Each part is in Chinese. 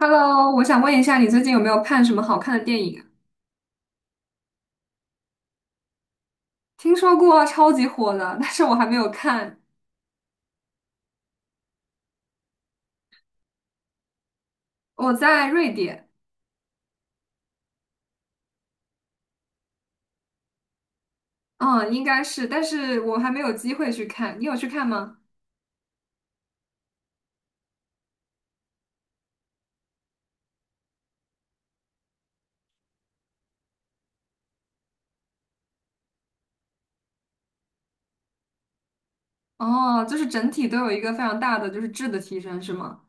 Hello，我想问一下，你最近有没有看什么好看的电影啊？听说过超级火的，但是我还没有看。我在瑞典，嗯，应该是，但是我还没有机会去看。你有去看吗？哦，就是整体都有一个非常大的就是质的提升，是吗？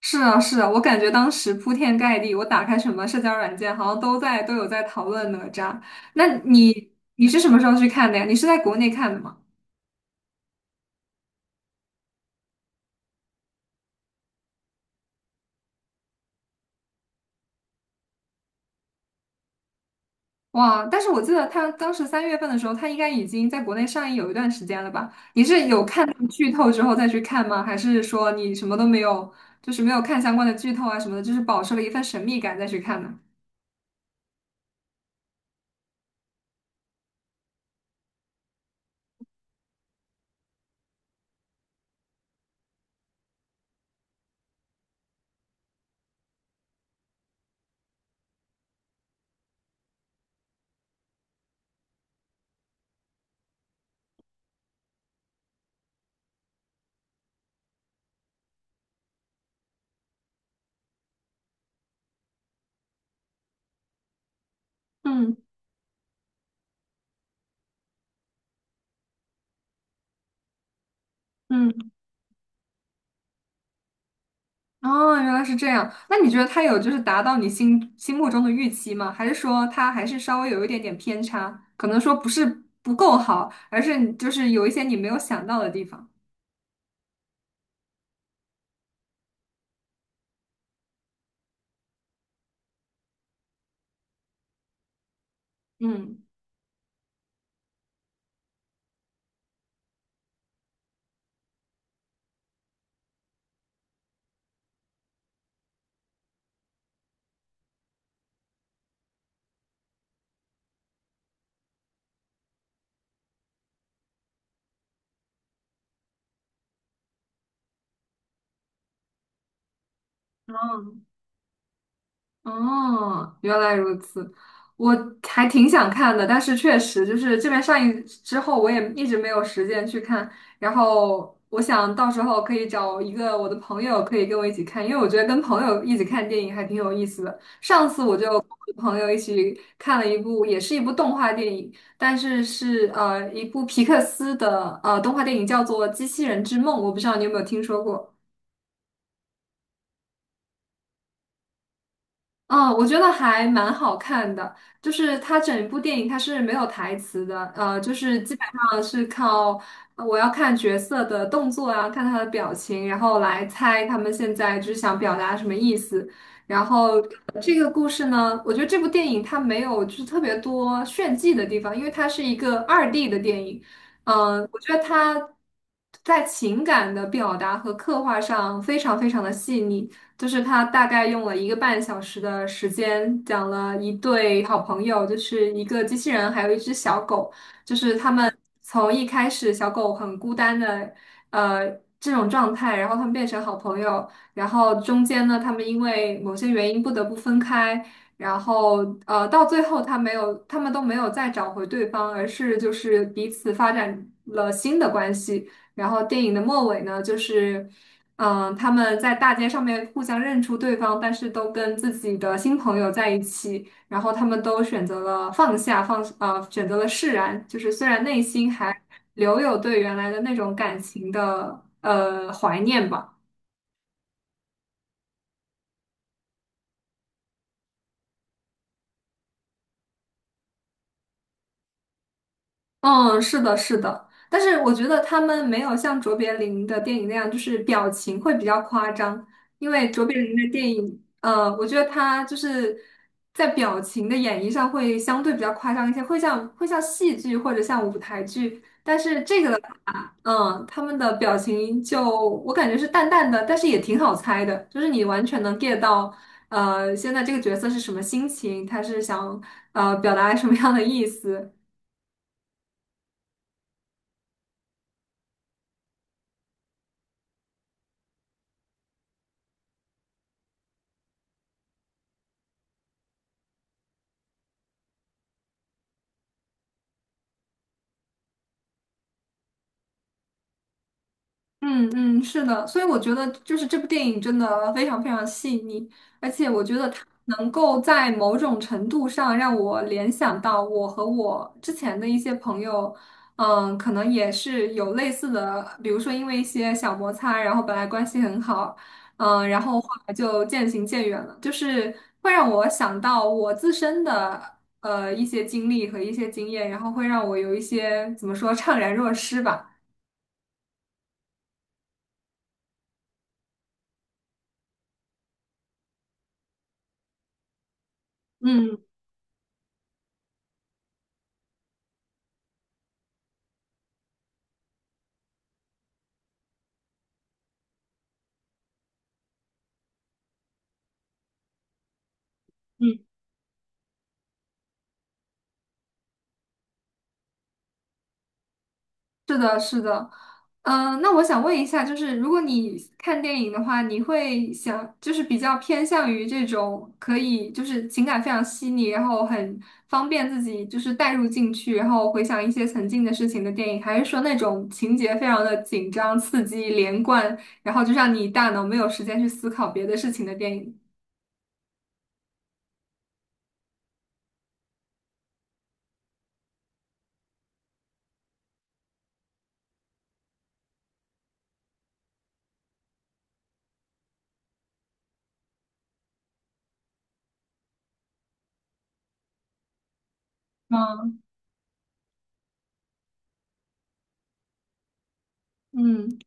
是啊，是啊，我感觉当时铺天盖地，我打开什么社交软件，好像都有在讨论哪吒。那你是什么时候去看的呀？你是在国内看的吗？哇！但是我记得他当时三月份的时候，他应该已经在国内上映有一段时间了吧？你是有看到剧透之后再去看吗？还是说你什么都没有，就是没有看相关的剧透啊什么的，就是保持了一份神秘感再去看呢？嗯嗯。哦，原来是这样。那你觉得他有就是达到你心目中的预期吗？还是说他还是稍微有一点点偏差？可能说不是不够好，而是你就是有一些你没有想到的地方。嗯嗯。哦，原来如此，我还挺想看的，但是确实就是这边上映之后，我也一直没有时间去看。然后我想到时候可以找一个我的朋友，可以跟我一起看，因为我觉得跟朋友一起看电影还挺有意思的。上次我就跟我的朋友一起看了一部，也是一部动画电影，但是是一部皮克斯的动画电影，叫做《机器人之梦》，我不知道你有没有听说过。嗯，我觉得还蛮好看的，就是它整部电影它是没有台词的，就是基本上是靠我要看角色的动作啊，看他的表情，然后来猜他们现在就是想表达什么意思。然后这个故事呢，我觉得这部电影它没有就是特别多炫技的地方，因为它是一个二 d 的电影。嗯，我觉得它在情感的表达和刻画上非常非常的细腻。就是他大概用了一个半小时的时间，讲了一对好朋友，就是一个机器人，还有一只小狗，就是他们从一开始小狗很孤单的，呃，这种状态，然后他们变成好朋友，然后中间呢，他们因为某些原因不得不分开，然后到最后他们都没有再找回对方，而是就是彼此发展了新的关系。然后电影的末尾呢，就是。嗯，他们在大街上面互相认出对方，但是都跟自己的新朋友在一起，然后他们都选择了放下，选择了释然，就是虽然内心还留有对原来的那种感情的怀念吧。嗯，是的，是的，但是我觉得他们没有像卓别林的电影那样，就是表情会比较夸张，因为卓别林的电影，我觉得他就是在表情的演绎上会相对比较夸张一些，会像戏剧或者像舞台剧，嗯，他们的表情我感觉是淡淡的，但是也挺好猜的，就是你完全能 get 到，现在这个角色是什么心情，他是想表达什么样的意思。嗯嗯，是的，所以我觉得就是这部电影真的非常非常细腻，而且我觉得它能够在某种程度上让我联想到我和我之前的一些朋友。嗯，可能也是有类似的，比如说因为一些小摩擦，然后本来关系很好，嗯，然后后来就渐行渐远了，就是会让我想到我自身的一些经历和一些经验，然后会让我有一些怎么说怅然若失吧，嗯。嗯是的，是的，那我想问一下，就是如果你看电影的话，你会想就是比较偏向于这种可以就是情感非常细腻，然后很方便自己就是带入进去，然后回想一些曾经的事情的电影，还是说那种情节非常的紧张、刺激、连贯，然后就让你大脑没有时间去思考别的事情的电影？嗯。嗯。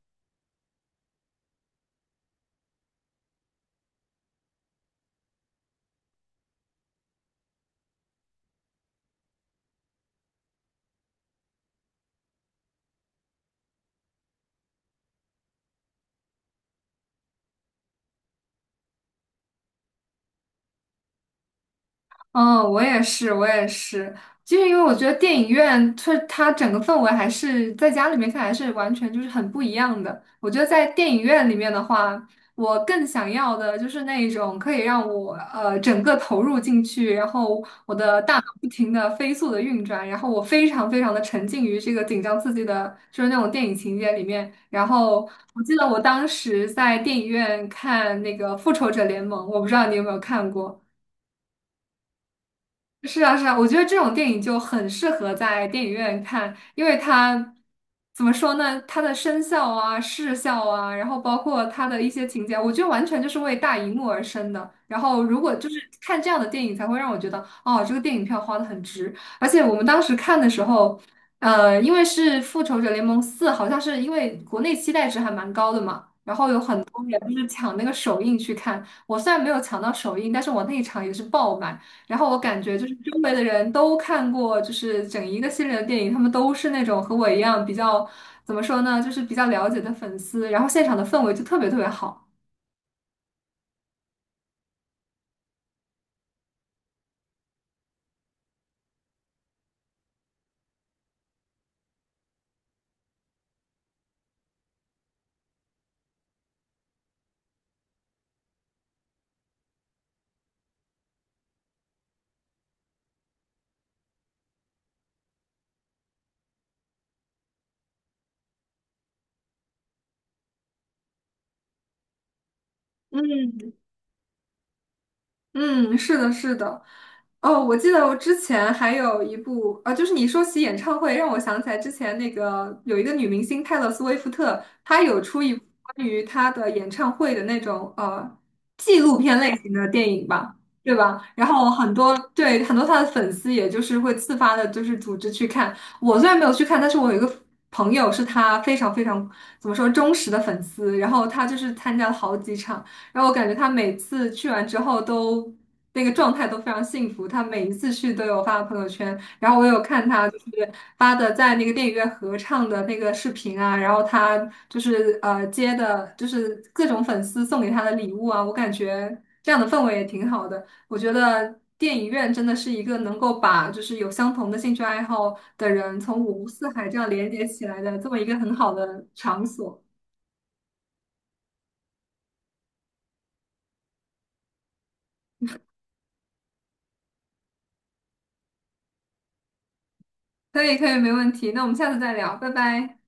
嗯，我也是，我也是，就是因为我觉得电影院它整个氛围还是在家里面看还是完全就是很不一样的。我觉得在电影院里面的话，我更想要的就是那一种可以让我整个投入进去，然后我的大脑不停的飞速的运转，然后我非常非常的沉浸于这个紧张刺激的，就是那种电影情节里面。然后我记得我当时在电影院看那个《复仇者联盟》，我不知道你有没有看过。是啊，是啊，我觉得这种电影就很适合在电影院看，因为它怎么说呢？它的声效啊、视效啊，然后包括它的一些情节，我觉得完全就是为大荧幕而生的。然后，如果就是看这样的电影，才会让我觉得，哦，这个电影票花的很值。而且我们当时看的时候，因为是《复仇者联盟四》，好像是因为国内期待值还蛮高的嘛，然后有很多人就是抢那个首映去看。我虽然没有抢到首映，但是我那一场也是爆满。然后我感觉就是周围的人都看过，就是整一个系列的电影，他们都是那种和我一样比较，怎么说呢，就是比较了解的粉丝，然后现场的氛围就特别特别好。嗯，嗯，是的，是的。哦，我记得我之前还有一部啊，就是你说起演唱会，让我想起来之前那个有一个女明星泰勒·斯威夫特，她有出一部关于她的演唱会的那种纪录片类型的电影吧，对吧？然后很多对很多她的粉丝，也就是会自发的，就是组织去看。我虽然没有去看，但是我有一个朋友是她非常非常怎么说忠实的粉丝，然后她就是参加了好几场。然后我感觉他每次去完之后都那个状态都非常幸福，他每一次去都有发朋友圈，然后我有看他就是发的在那个电影院合唱的那个视频啊，然后他就是接的就是各种粉丝送给他的礼物啊，我感觉这样的氛围也挺好的，我觉得。电影院真的是一个能够把就是有相同的兴趣爱好的人从五湖四海这样连接起来的这么一个很好的场所。可以，可以，没问题。那我们下次再聊，拜拜。